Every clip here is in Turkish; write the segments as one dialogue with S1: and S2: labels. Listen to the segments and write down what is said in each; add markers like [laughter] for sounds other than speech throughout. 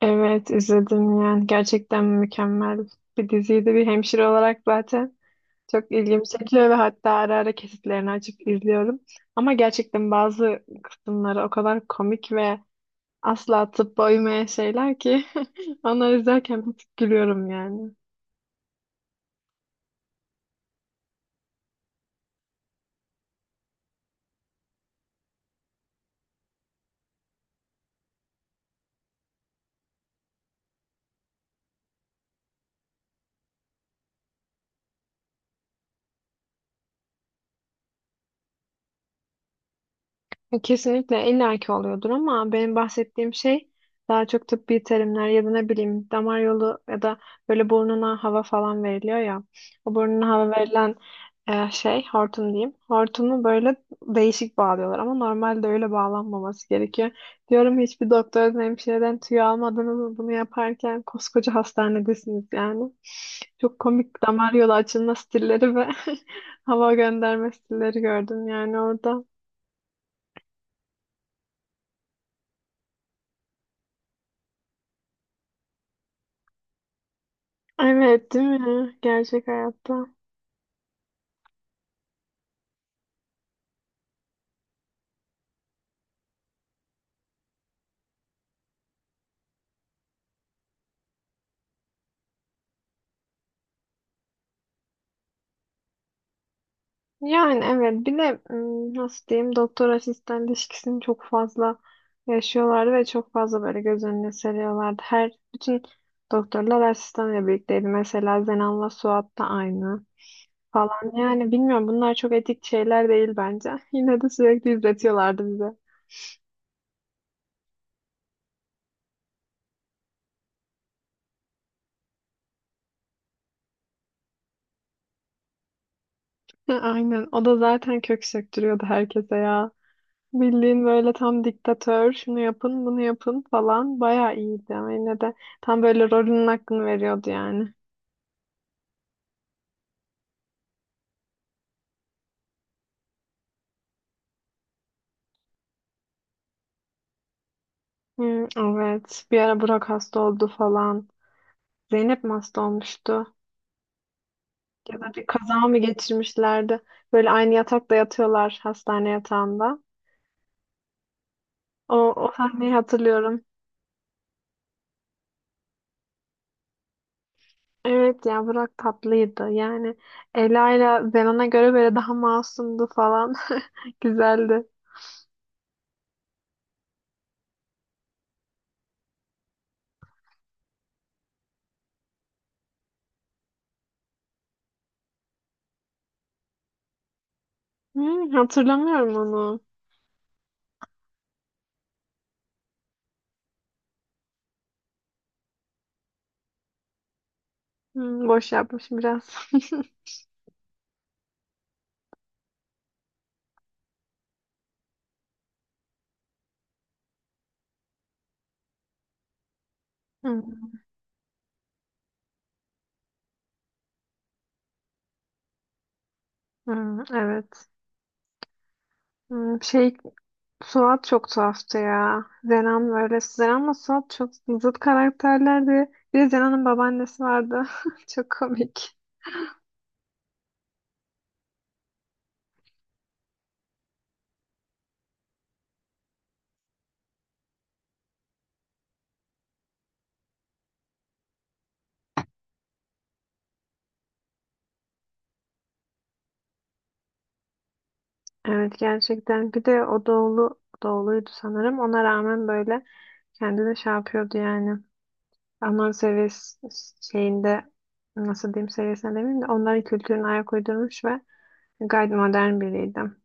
S1: Evet izledim, yani gerçekten mükemmel bir diziydi. Bir hemşire olarak zaten çok ilgimi çekiyor ve hatta ara ara kesitlerini açıp izliyorum, ama gerçekten bazı kısımları o kadar komik ve asla atıp uymayan şeyler ki [laughs] onları izlerken bir tık gülüyorum yani. Kesinlikle illaki oluyordur, ama benim bahsettiğim şey daha çok tıbbi terimler ya da ne bileyim damar yolu ya da böyle burnuna hava falan veriliyor ya. O burnuna hava verilen şey, hortum diyeyim. Hortumu böyle değişik bağlıyorlar ama normalde öyle bağlanmaması gerekiyor. Diyorum hiçbir doktordan hemşireden tüy almadınız mı bunu yaparken? Koskoca hastanedesiniz yani. Çok komik damar yolu açılma stilleri ve [laughs] hava gönderme stilleri gördüm yani orada. Evet, değil mi? Gerçek hayatta. Yani evet, bir de nasıl diyeyim, doktor asistan ilişkisini çok fazla yaşıyorlardı ve çok fazla böyle göz önüne seriyorlardı. Her bütün doktorlar asistanla birlikteydi. Mesela Zenan'la Suat da aynı falan. Yani bilmiyorum, bunlar çok etik şeyler değil bence. [laughs] Yine de sürekli izletiyorlardı bize. [laughs] Aynen. O da zaten kök söktürüyordu herkese ya. Bildiğin böyle tam diktatör, şunu yapın, bunu yapın falan. Bayağı iyiydi ama yine de tam böyle rolünün hakkını veriyordu yani. Hı, evet. Bir ara Burak hasta oldu falan. Zeynep mi hasta olmuştu? Ya da bir kaza mı geçirmişlerdi? Böyle aynı yatakta yatıyorlar, hastane yatağında. O sahneyi hatırlıyorum. Evet ya, Burak tatlıydı. Yani Ela ile Zenon'a göre böyle daha masumdu falan. [laughs] Güzeldi. Hı, hatırlamıyorum onu. Hmm, boş yapmışım biraz. [laughs] Hmm, hmm, evet. Hmm, şey, Suat çok tuhaftı ya. Zenan böyle. Zenan Suat çok zıt karakterlerdi. Bir de Zenan'ın babaannesi vardı. [laughs] Çok komik. Evet gerçekten. Bir de o doğulu doğuluydu sanırım. Ona rağmen böyle kendini şey yapıyordu yani. Alman seviyesi şeyinde, nasıl diyeyim, seviyesine demeyeyim de onların kültürüne ayak uydurmuş ve gayet modern biriydim.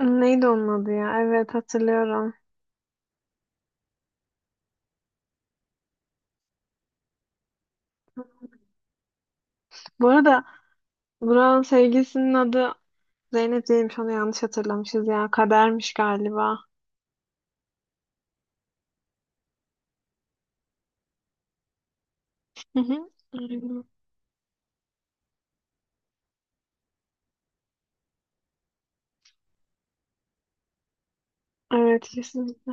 S1: Neydi onun adı ya? Evet, hatırlıyorum. Bu arada Burak'ın sevgilisinin adı Zeynep değilmiş. Onu yanlış hatırlamışız ya. Kadermiş galiba. Hı hı. Aynen. Evet, kesinlikle.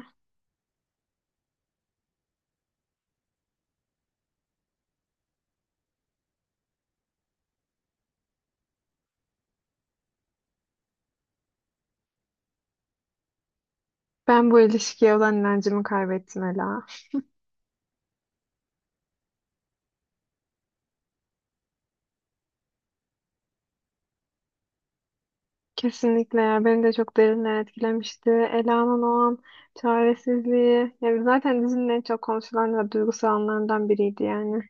S1: Ben bu ilişkiye olan inancımı kaybettim Ela. Kesinlikle ya, beni de çok derinden etkilemişti. Ela'nın o an çaresizliği yani zaten dizinin en çok konuşulan ve duygusal anlarından biriydi yani.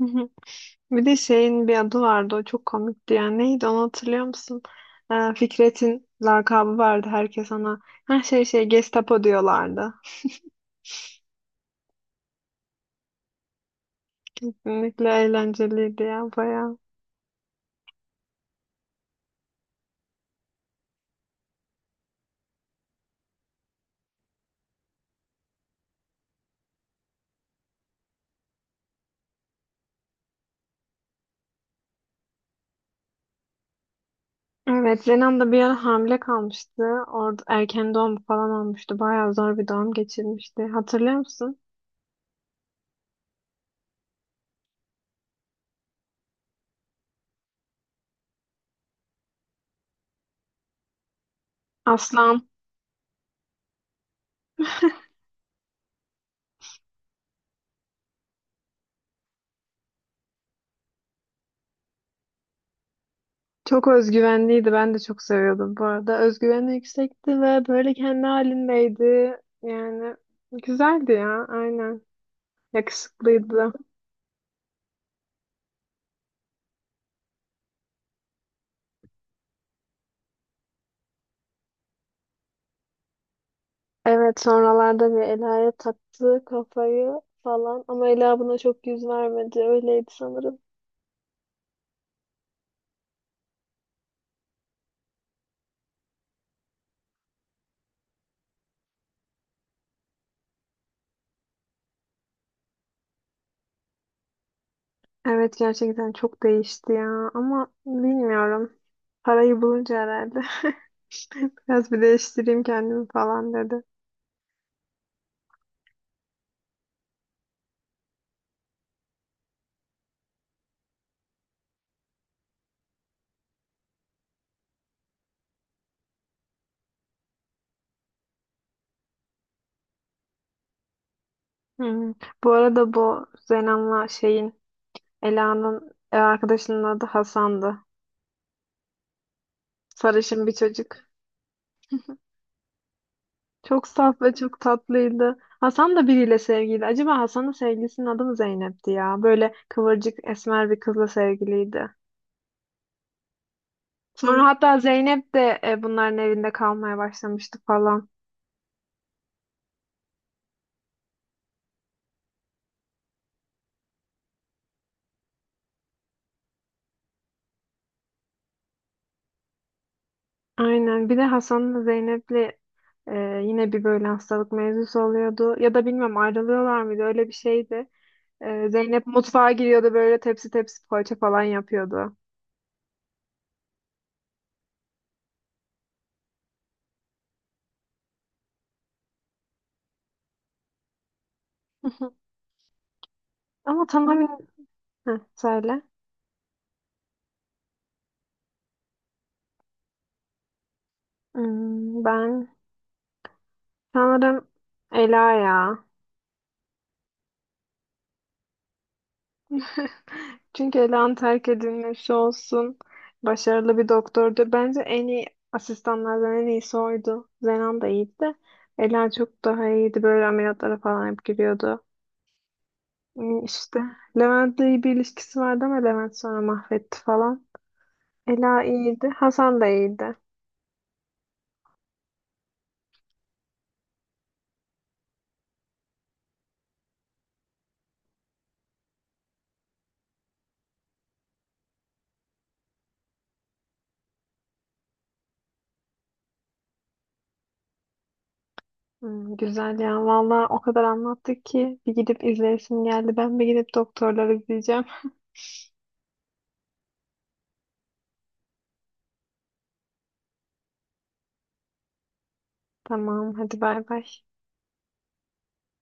S1: Hı hı. Bir de şeyin bir adı vardı, o çok komikti yani, neydi, onu hatırlıyor musun? Fikret'in lakabı vardı, herkes ona her şey şey Gestapo diyorlardı. Kesinlikle eğlenceliydi ya, bayağı. Evet, Renan da bir ara hamile kalmıştı. Orada erken doğum falan olmuştu. Bayağı zor bir doğum geçirmişti. Hatırlıyor musun? Aslan çok özgüvenliydi. Ben de çok seviyordum bu arada. Özgüveni yüksekti ve böyle kendi halindeydi. Yani güzeldi ya, aynen. Yakışıklıydı. Evet, sonralarda bir Ela'ya taktı kafayı falan, ama Ela buna çok yüz vermedi. Öyleydi sanırım. Evet, gerçekten çok değişti ya, ama bilmiyorum. Parayı bulunca herhalde [laughs] biraz bir değiştireyim kendimi falan dedi. Hmm. Bu arada bu Zenan'la şeyin, Ela'nın ev arkadaşının adı Hasan'dı. Sarışın bir çocuk. Çok saf ve çok tatlıydı. Hasan da biriyle sevgiliydi. Acaba Hasan'ın sevgilisinin adı mı Zeynep'ti ya? Böyle kıvırcık esmer bir kızla sevgiliydi. Sonra hatta Zeynep de bunların evinde kalmaya başlamıştı falan. Aynen. Bir de Hasan'la Zeynep'le e, yine bir böyle hastalık mevzusu oluyordu. Ya da bilmem ayrılıyorlar mıydı? Öyle bir şeydi. Zeynep mutfağa giriyordu böyle, tepsi tepsi poğaça falan yapıyordu. [laughs] Ama tamamen... Heh, söyle. Hmm, ben sanırım Ela ya. [laughs] Çünkü Ela'nın terk edilmesi olsun. Başarılı bir doktordu. Bence en iyi asistanlardan en iyisi oydu. Zenan da iyiydi de. Ela çok daha iyiydi. Böyle ameliyatlara falan hep giriyordu. Hmm, İşte Levent'le iyi bir ilişkisi vardı ama Levent sonra mahvetti falan. Ela iyiydi. Hasan da iyiydi. Hmm, güzel ya. Valla o kadar anlattık ki bir gidip izleyesim geldi. Ben bir gidip doktorları izleyeceğim. [laughs] Tamam, hadi bay bay.